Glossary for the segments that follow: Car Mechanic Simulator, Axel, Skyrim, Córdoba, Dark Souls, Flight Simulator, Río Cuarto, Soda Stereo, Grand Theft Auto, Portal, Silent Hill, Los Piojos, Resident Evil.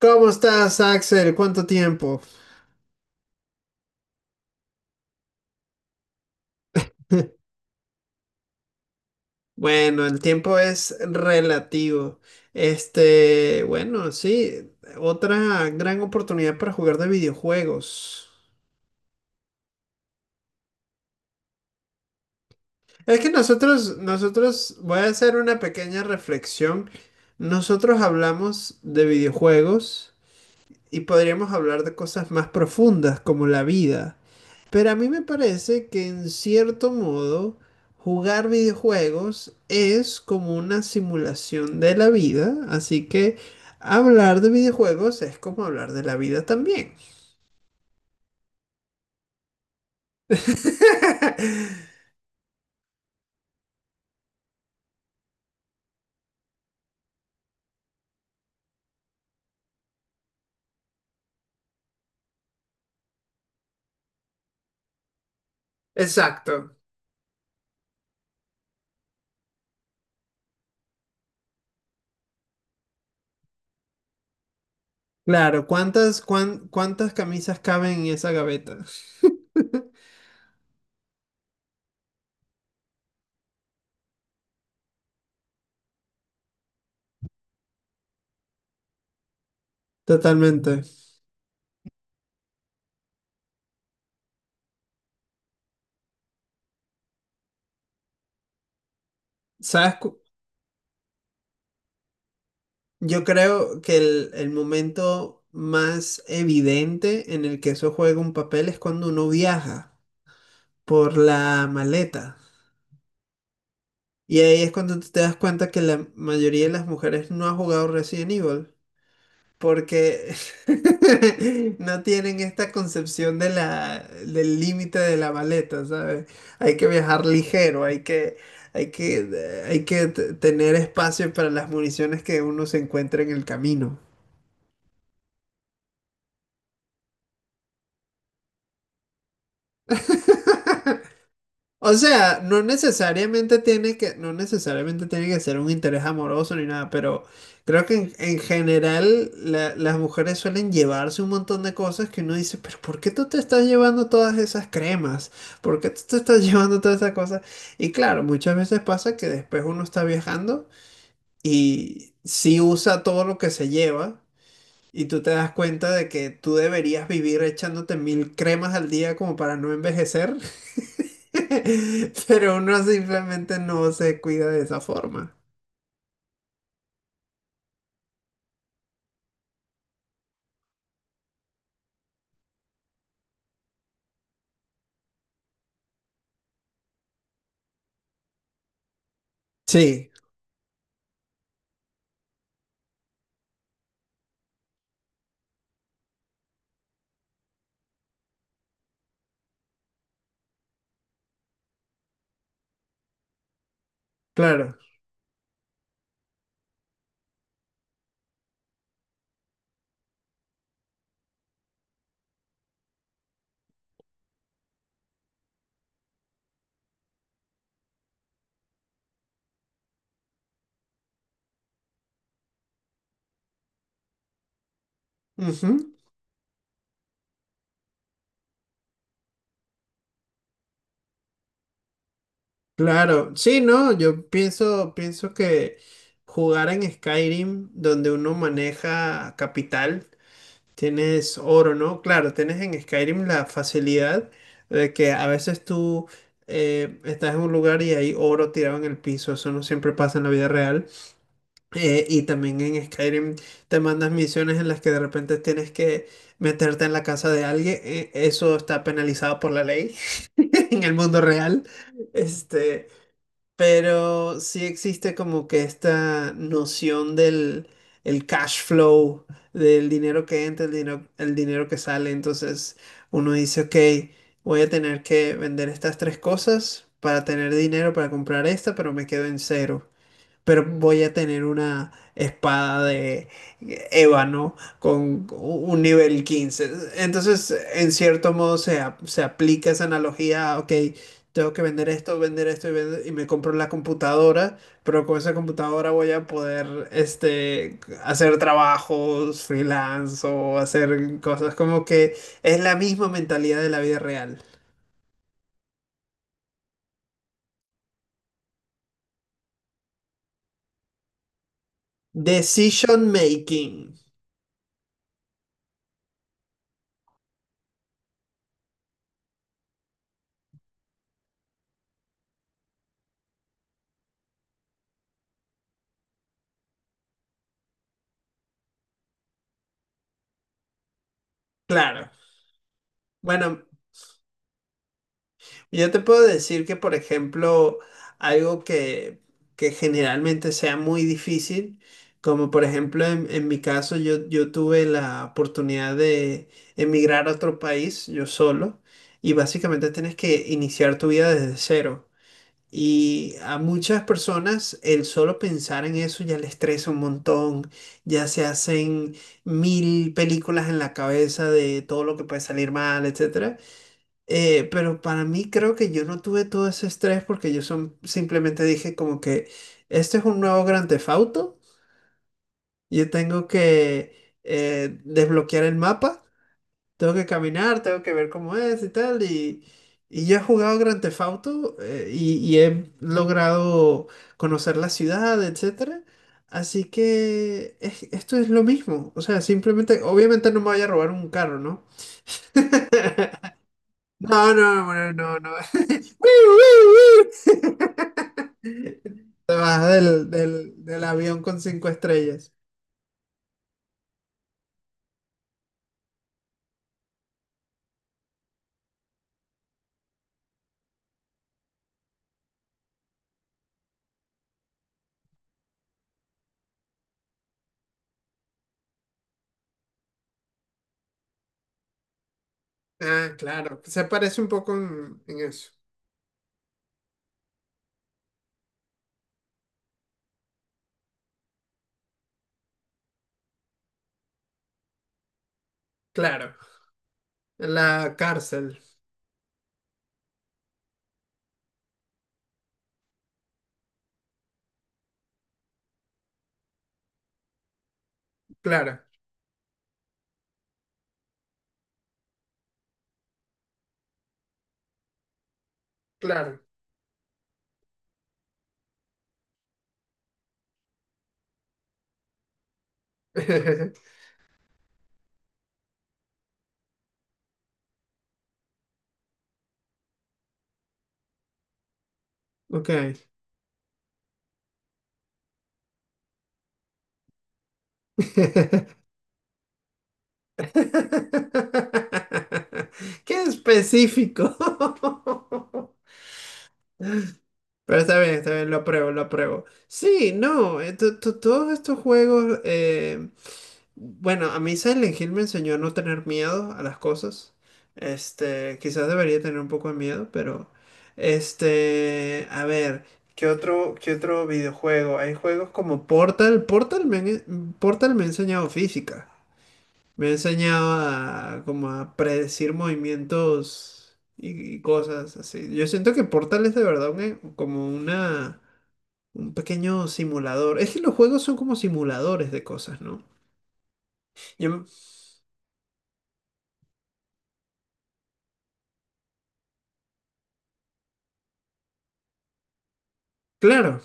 ¿Cómo estás, Axel? ¿Cuánto tiempo? Bueno, el tiempo es relativo. Bueno, sí, otra gran oportunidad para jugar de videojuegos. Es que nosotros, voy a hacer una pequeña reflexión. Nosotros hablamos de videojuegos y podríamos hablar de cosas más profundas como la vida. Pero a mí me parece que en cierto modo jugar videojuegos es como una simulación de la vida, así que hablar de videojuegos es como hablar de la vida también. Exacto. Claro, cuántas camisas caben en esa gaveta? Totalmente. ¿Sabes? Yo creo que el momento más evidente en el que eso juega un papel es cuando uno viaja. Por la maleta. Y ahí es cuando tú te das cuenta que la mayoría de las mujeres no ha jugado Resident Evil porque no tienen esta concepción de del límite de la maleta, ¿sabes? Hay que viajar ligero, hay que tener espacio para las municiones que uno se encuentra en el camino. O sea, no necesariamente tiene que ser un interés amoroso ni nada, pero creo que en general las mujeres suelen llevarse un montón de cosas que uno dice, pero ¿por qué tú te estás llevando todas esas cremas? ¿Por qué tú te estás llevando todas esas cosas? Y claro, muchas veces pasa que después uno está viajando y sí usa todo lo que se lleva. Y tú te das cuenta de que tú deberías vivir echándote mil cremas al día como para no envejecer, pero uno simplemente no se cuida de esa forma. Sí, claro. Ujú. Claro. Sí, no, yo pienso, pienso que jugar en Skyrim, donde uno maneja capital, tienes oro, ¿no? Claro, tienes en Skyrim la facilidad de que a veces tú estás en un lugar y hay oro tirado en el piso. Eso no siempre pasa en la vida real. Y también en Skyrim te mandas misiones en las que de repente tienes que meterte en la casa de alguien. Eso está penalizado por la ley en el mundo real. Este, pero sí existe como que esta noción del el cash flow, del dinero que entra, el dinero que sale. Entonces uno dice, ok, voy a tener que vender estas tres cosas para tener dinero para comprar esta, pero me quedo en cero, pero voy a tener una espada de ébano con un nivel 15. Entonces, en cierto modo, se aplica esa analogía, ok, tengo que vender esto y, y me compro la computadora, pero con esa computadora voy a poder hacer trabajos freelance o hacer cosas como que es la misma mentalidad de la vida real. Decision making, claro. Bueno, yo te puedo decir que, por ejemplo, algo que generalmente sea muy difícil, como por ejemplo en mi caso, yo tuve la oportunidad de emigrar a otro país yo solo y básicamente tienes que iniciar tu vida desde cero. Y a muchas personas el solo pensar en eso ya les estresa un montón, ya se hacen mil películas en la cabeza de todo lo que puede salir mal, etc. Pero para mí creo que yo no tuve todo ese estrés porque yo simplemente dije como que este es un nuevo Grand Theft Auto, yo tengo que desbloquear el mapa, tengo que caminar, tengo que ver cómo es y tal, y yo he jugado Grand Theft Auto y he logrado conocer la ciudad, etcétera, así que esto es lo mismo, o sea, simplemente, obviamente no me voy a robar un carro, ¿no? No, no, no, no, no. Te bajas del avión con cinco estrellas. Ah, claro. Se parece un poco en eso. Claro. En la cárcel. Claro, claro. Ok. Qué específico. Pero está bien, lo apruebo, lo apruebo. Sí, no, todos estos juegos, bueno, a mí Silent Hill me enseñó a no tener miedo a las cosas. Este, quizás debería tener un poco de miedo, pero a ver, qué otro videojuego? Hay juegos como Portal, Portal me ha enseñado física. Me ha enseñado a como a predecir movimientos y cosas así. Yo siento que Portal es de verdad como una un pequeño simulador. Es que los juegos son como simuladores de cosas, ¿no? Yo me- claro,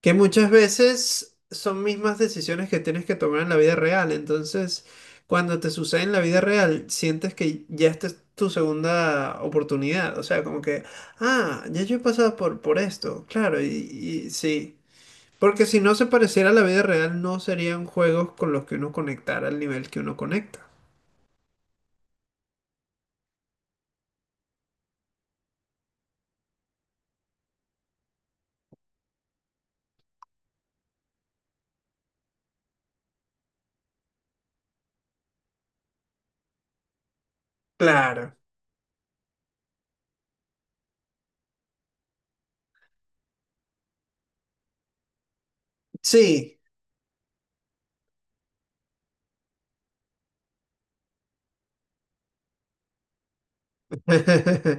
que muchas veces son mismas decisiones que tienes que tomar en la vida real. Entonces, cuando te sucede en la vida real, sientes que ya esta es tu segunda oportunidad. O sea, como que, ah, ya yo he pasado por esto, claro, y sí. Porque si no se pareciera a la vida real, no serían juegos con los que uno conectara al nivel que uno conecta. Claro, sí.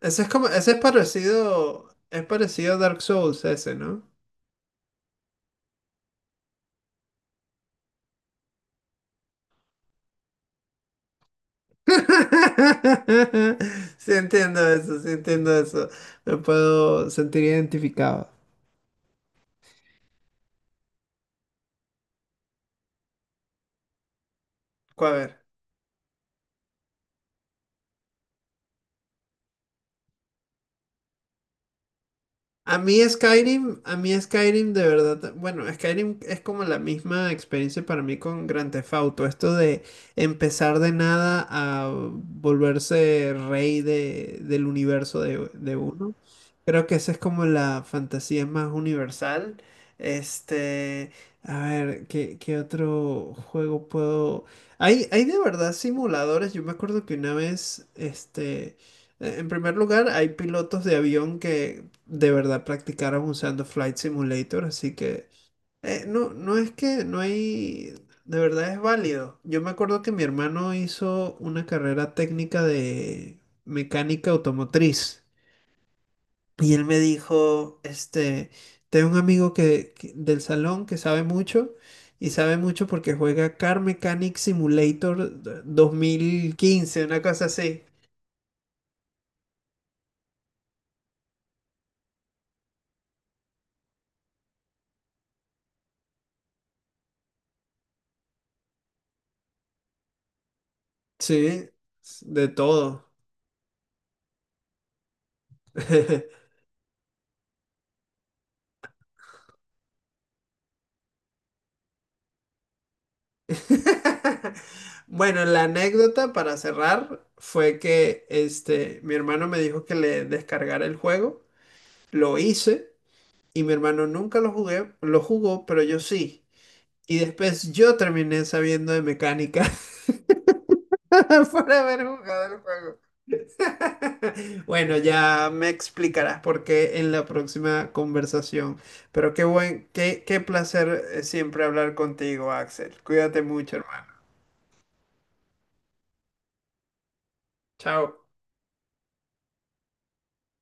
Ese es como, ese es parecido a Dark Souls ese, ¿no? Sí entiendo eso, sí entiendo eso. Me puedo sentir identificado. A ver. A mí Skyrim de verdad, bueno, Skyrim es como la misma experiencia para mí con Grand Theft Auto, esto de empezar de nada a volverse rey del universo de uno. Creo que esa es como la fantasía más universal. Este, a ver, ¿qué, qué otro juego puedo...? Hay de verdad simuladores, yo me acuerdo que una vez, este... en primer lugar, hay pilotos de avión que de verdad practicaran usando Flight Simulator, así que no, no es que no hay, de verdad es válido. Yo me acuerdo que mi hermano hizo una carrera técnica de mecánica automotriz y él me dijo, este, tengo un amigo del salón que sabe mucho y sabe mucho porque juega Car Mechanic Simulator 2015, una cosa así. Sí, de todo. Bueno, la anécdota para cerrar fue que mi hermano me dijo que le descargara el juego, lo hice y mi hermano nunca lo jugó, pero yo sí. Y después yo terminé sabiendo de mecánica por haber jugado el juego. Bueno, ya me explicarás por qué en la próxima conversación. Pero qué buen, qué, qué placer siempre hablar contigo, Axel. Cuídate mucho, hermano. Chao.